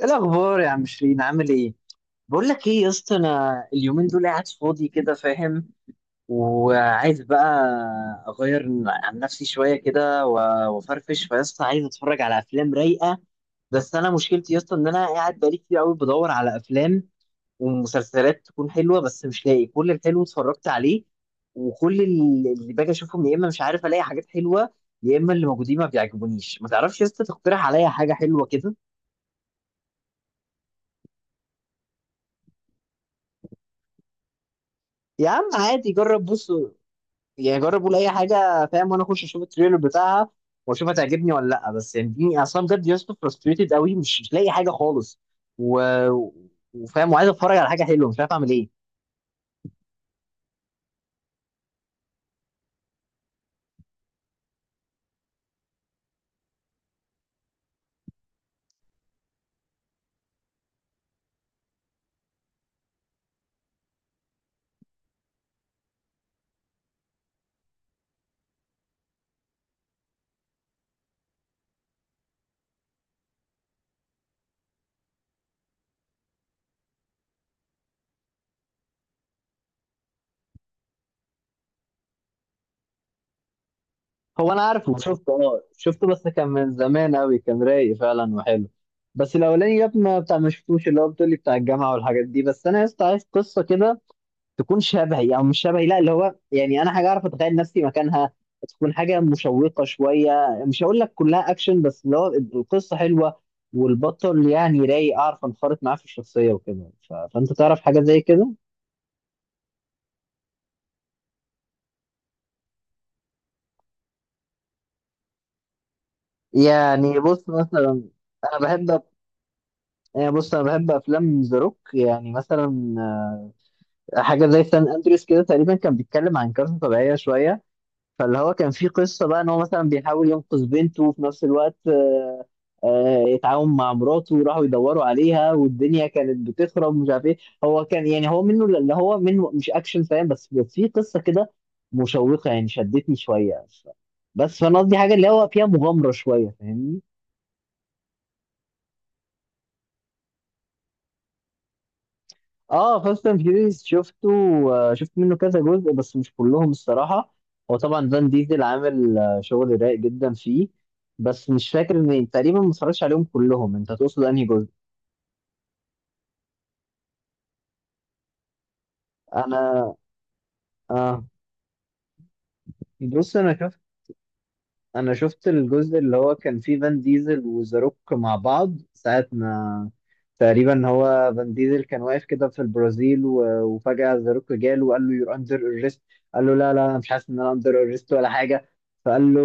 ايه الاخبار يا عم شيرين؟ عامل ايه؟ بقول لك ايه يا اسطى، انا اليومين دول قاعد فاضي كده، فاهم، وعايز بقى اغير عن نفسي شويه كده وافرفش، فيا اسطى عايز اتفرج على افلام رايقه. بس انا مشكلتي يا اسطى ان انا قاعد بقالي كتير قوي بدور على افلام ومسلسلات تكون حلوه، بس مش لاقي، كل الحلو اتفرجت عليه، وكل اللي باجي اشوفهم يا اما مش عارف الاقي حاجات حلوه، يا اما اللي موجودين ما بيعجبونيش. ما تعرفش يا اسطى تقترح عليا حاجه حلوه كده؟ يا عم عادي، جرب، بص، يعني جرب قول اي حاجه، فاهم، وانا اخش اشوف التريلر بتاعها واشوف هتعجبني ولا لا، بس يعني اديني اصلا بجد يا اسطى فرستريتد قوي، مش لاقي حاجه خالص و... وفاهم، وعايز اتفرج على حاجه حلوه مش عارف اعمل ايه. هو انا عارفه، شفته، اه شفته، بس كان من زمان قوي، كان رايق فعلا وحلو. بس الاولاني يا ابني ما بتاع، ما شفتوش، اللي هو بتقولي بتاع الجامعه والحاجات دي، بس انا يا اسطى عايز قصه كده تكون شبهي او مش شبهي، لا اللي هو يعني انا حاجه اعرف اتخيل نفسي مكانها، تكون حاجه مشوقه شويه، مش هقول لك كلها اكشن، بس اللي هو القصه حلوه والبطل يعني رايق، اعرف انخرط معاه في الشخصيه وكده، فانت تعرف حاجه زي كده. يعني بص مثلا، انا بحب انا بحب افلام ذا روك، يعني مثلا حاجه زي سان اندريس كده، تقريبا كان بيتكلم عن كارثه طبيعيه شويه، فاللي هو كان في قصه بقى ان هو مثلا بيحاول ينقذ بنته، وفي نفس الوقت يتعاون مع مراته، وراحوا يدوروا عليها، والدنيا كانت بتخرب مش عارف ايه. هو كان، يعني هو منه، اللي هو منه مش اكشن، فاهم، بس في قصه كده مشوقه يعني شدتني شويه، بس فانا قصدي حاجه اللي هو فيها مغامره شويه، فاهمني. اه فاست اند فيوريوس شفته، آه، شفت منه كذا جزء بس مش كلهم الصراحه، هو طبعا فان ديزل عامل شغل رايق جدا فيه، بس مش فاكر ان تقريبا ما اتفرجتش عليهم كلهم، انت تقصد انهي جزء؟ انا، اه، بص انا شفت الجزء اللي هو كان فيه فان ديزل وذا روك مع بعض، ساعة ما تقريبا هو فان ديزل كان واقف كده في البرازيل وفجأة ذا روك جاله وقال له يور اندر اريست، قال له لا لا انا مش حاسس ان انا اندر اريست ولا حاجة، فقال له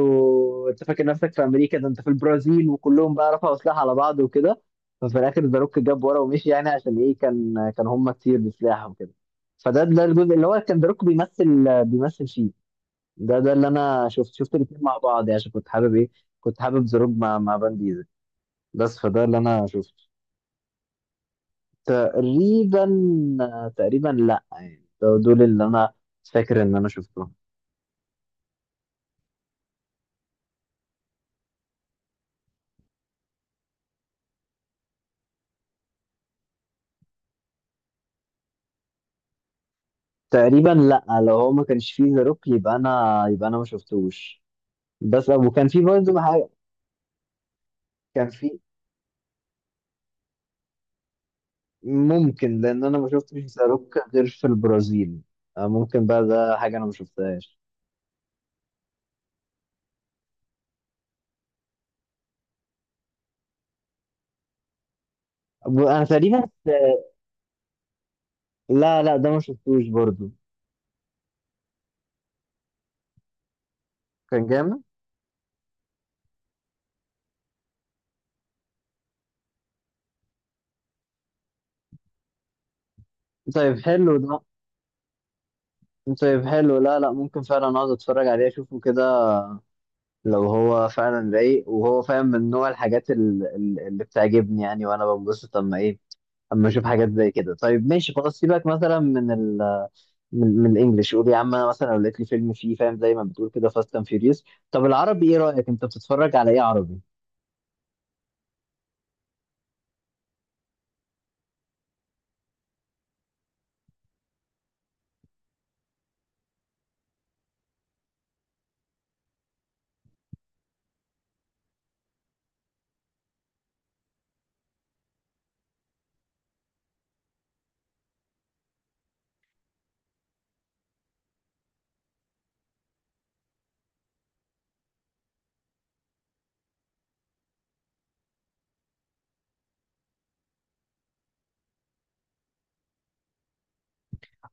انت فاكر نفسك في امريكا؟ ده انت في البرازيل، وكلهم بقى رفعوا سلاح على بعض وكده، ففي الاخر ذا روك جاب ورا ومشي، يعني عشان ايه؟ كان هم كتير بسلاح وكده، فده الجزء اللي هو كان ذا روك بيمثل بيمثل فيه. ده اللي انا شفت الاثنين مع بعض، يعني عشان كنت حابب ايه، كنت حابب زروب مع فان ديزل، بس فده اللي انا شفته. تقريبا تقريبا لا، يعني دول اللي انا فاكر ان انا شفتهم. تقريبا لا، لو هو ما كانش فيه زروك يبقى انا ما شفتوش، بس وكان في برضه حاجه. كان في. ممكن، لان انا ما شفتش زاروك غير في البرازيل. آه، ممكن بقى، ده حاجه انا ما شفتهاش. انا تقريبا. لا لا ده ما شفتوش برضه. كان جامد. طيب حلو ده. طيب حلو، لا لا ممكن فعلا اقعد اتفرج عليه اشوفه كده، لو هو فعلا رايق، وهو فاهم من نوع الحاجات اللي بتعجبني يعني، وانا بنبسط اما اشوف حاجات زي كده. طيب ماشي خلاص، سيبك مثلا من الانجليش، قول يا عم، انا مثلا لو لقيت لي فيلم فيه فاهم زي ما بتقول كده، فاست اند فيوريوس. طب العربي ايه رايك؟ انت بتتفرج على ايه عربي؟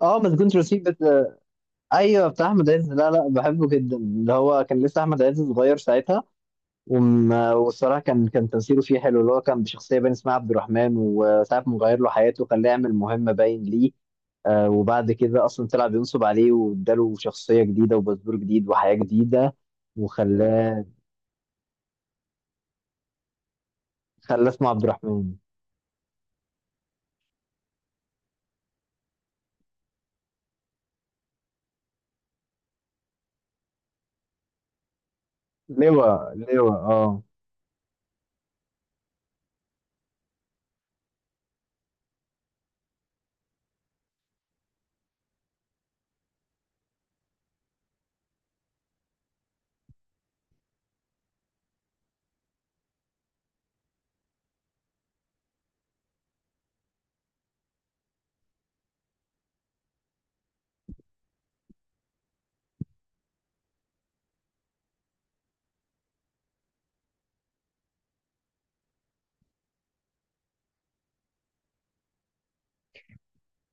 اه، ما تكونش رسيب ايوه بتاع احمد عز، لا لا بحبه جدا، اللي هو كان لسه احمد عز صغير ساعتها، والصراحه كان تمثيله فيه حلو، اللي هو كان بشخصيه باين اسمها عبد الرحمن، وساعه ما غير له حياته خلاه يعمل مهمه باين ليه، وبعد كده اصلا طلع بينصب عليه واداله شخصيه جديده وباسبور جديد وحياه جديده، وخلاه، خلاه اسمه عبد الرحمن. لواء لواء، اه.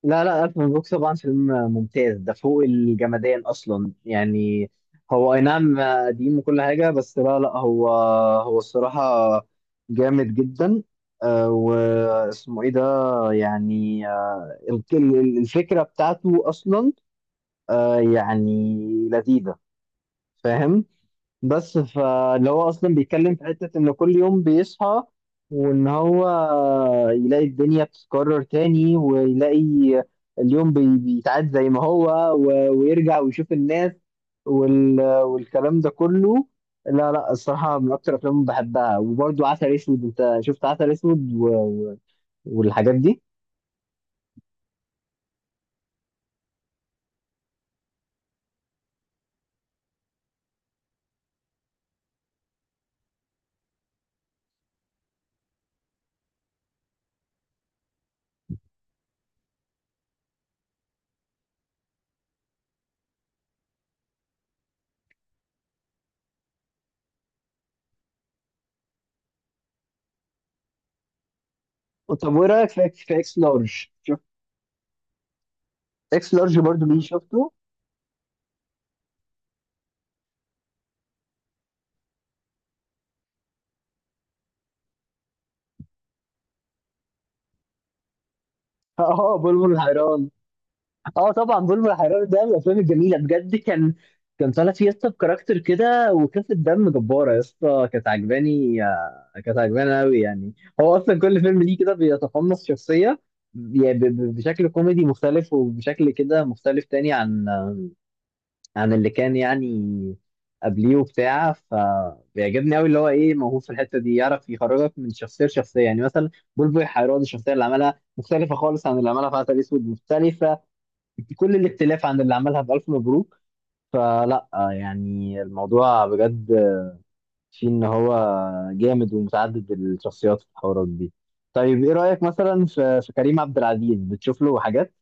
لا لا ألف مبروك طبعا فيلم ممتاز، ده فوق الجمدان أصلا يعني، هو أي نعم قديم وكل حاجة، بس لا لا هو الصراحة جامد جدا، واسمه إيه ده، يعني الفكرة بتاعته أصلا يعني لذيذة، فاهم، بس فاللي هو اصلا بيتكلم في حته ان كل يوم بيصحى، وان هو يلاقي الدنيا بتتكرر تاني ويلاقي اليوم بيتعاد زي ما هو، ويرجع ويشوف الناس والكلام ده كله، لا لا الصراحه من اكتر الافلام اللي بحبها، وبرده عسل اسود، انت شفت عسل اسود والحاجات دي. طب وايه رايك في اكس لارج؟ شفت اكس لارج برضه؟ ليه شفته؟ اه، بلبل حيران. اه طبعا بلبل حيران ده من الافلام الجميله بجد، كان طالع فيه يا اسطى بكاركتر كده وخفه دم جباره يا اسطى، كانت عجباني قوي يعني، هو اصلا كل فيلم ليه كده بيتقمص شخصيه، يعني بشكل كوميدي مختلف وبشكل كده مختلف تاني عن اللي كان يعني قبليه وبتاع، فبيعجبني قوي اللي هو ايه، موهوب في الحته دي، يعرف يخرجك من شخصيه لشخصيه، يعني مثلا بلبل حيران الشخصيه اللي عملها مختلفه خالص عن اللي عملها في عسل اسود، مختلفه كل الاختلاف عن اللي عملها في ألف مبروك، فلا يعني الموضوع بجد فيه إن هو جامد ومتعدد الشخصيات والحوارات دي. طيب إيه رأيك مثلا في كريم عبد العزيز؟ بتشوف له حاجات؟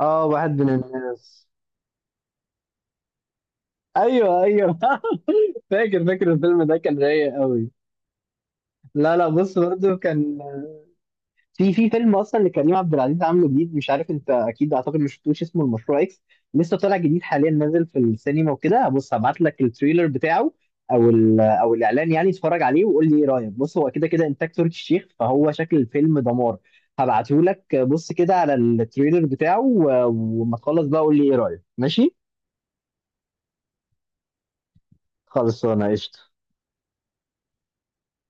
آه واحد من الناس. أيوه أيوه فاكر فاكر الفيلم ده، كان رايق قوي. لا لا بص برضه كان، في فيلم اصلا لكريم عبد العزيز عامله جديد، مش عارف انت اكيد، اعتقد ما شفتوش، اسمه المشروع اكس، لسه طالع جديد حاليا نازل في السينما وكده، بص هبعت لك التريلر بتاعه او الاعلان يعني، اتفرج عليه وقول لي ايه رايك، بص هو كده كده انتاج تركي الشيخ، فهو شكل الفيلم دمار، هبعته لك بص كده على التريلر بتاعه، وما تخلص بقى قول لي ايه رايك، ماشي. خلص انا قشطه.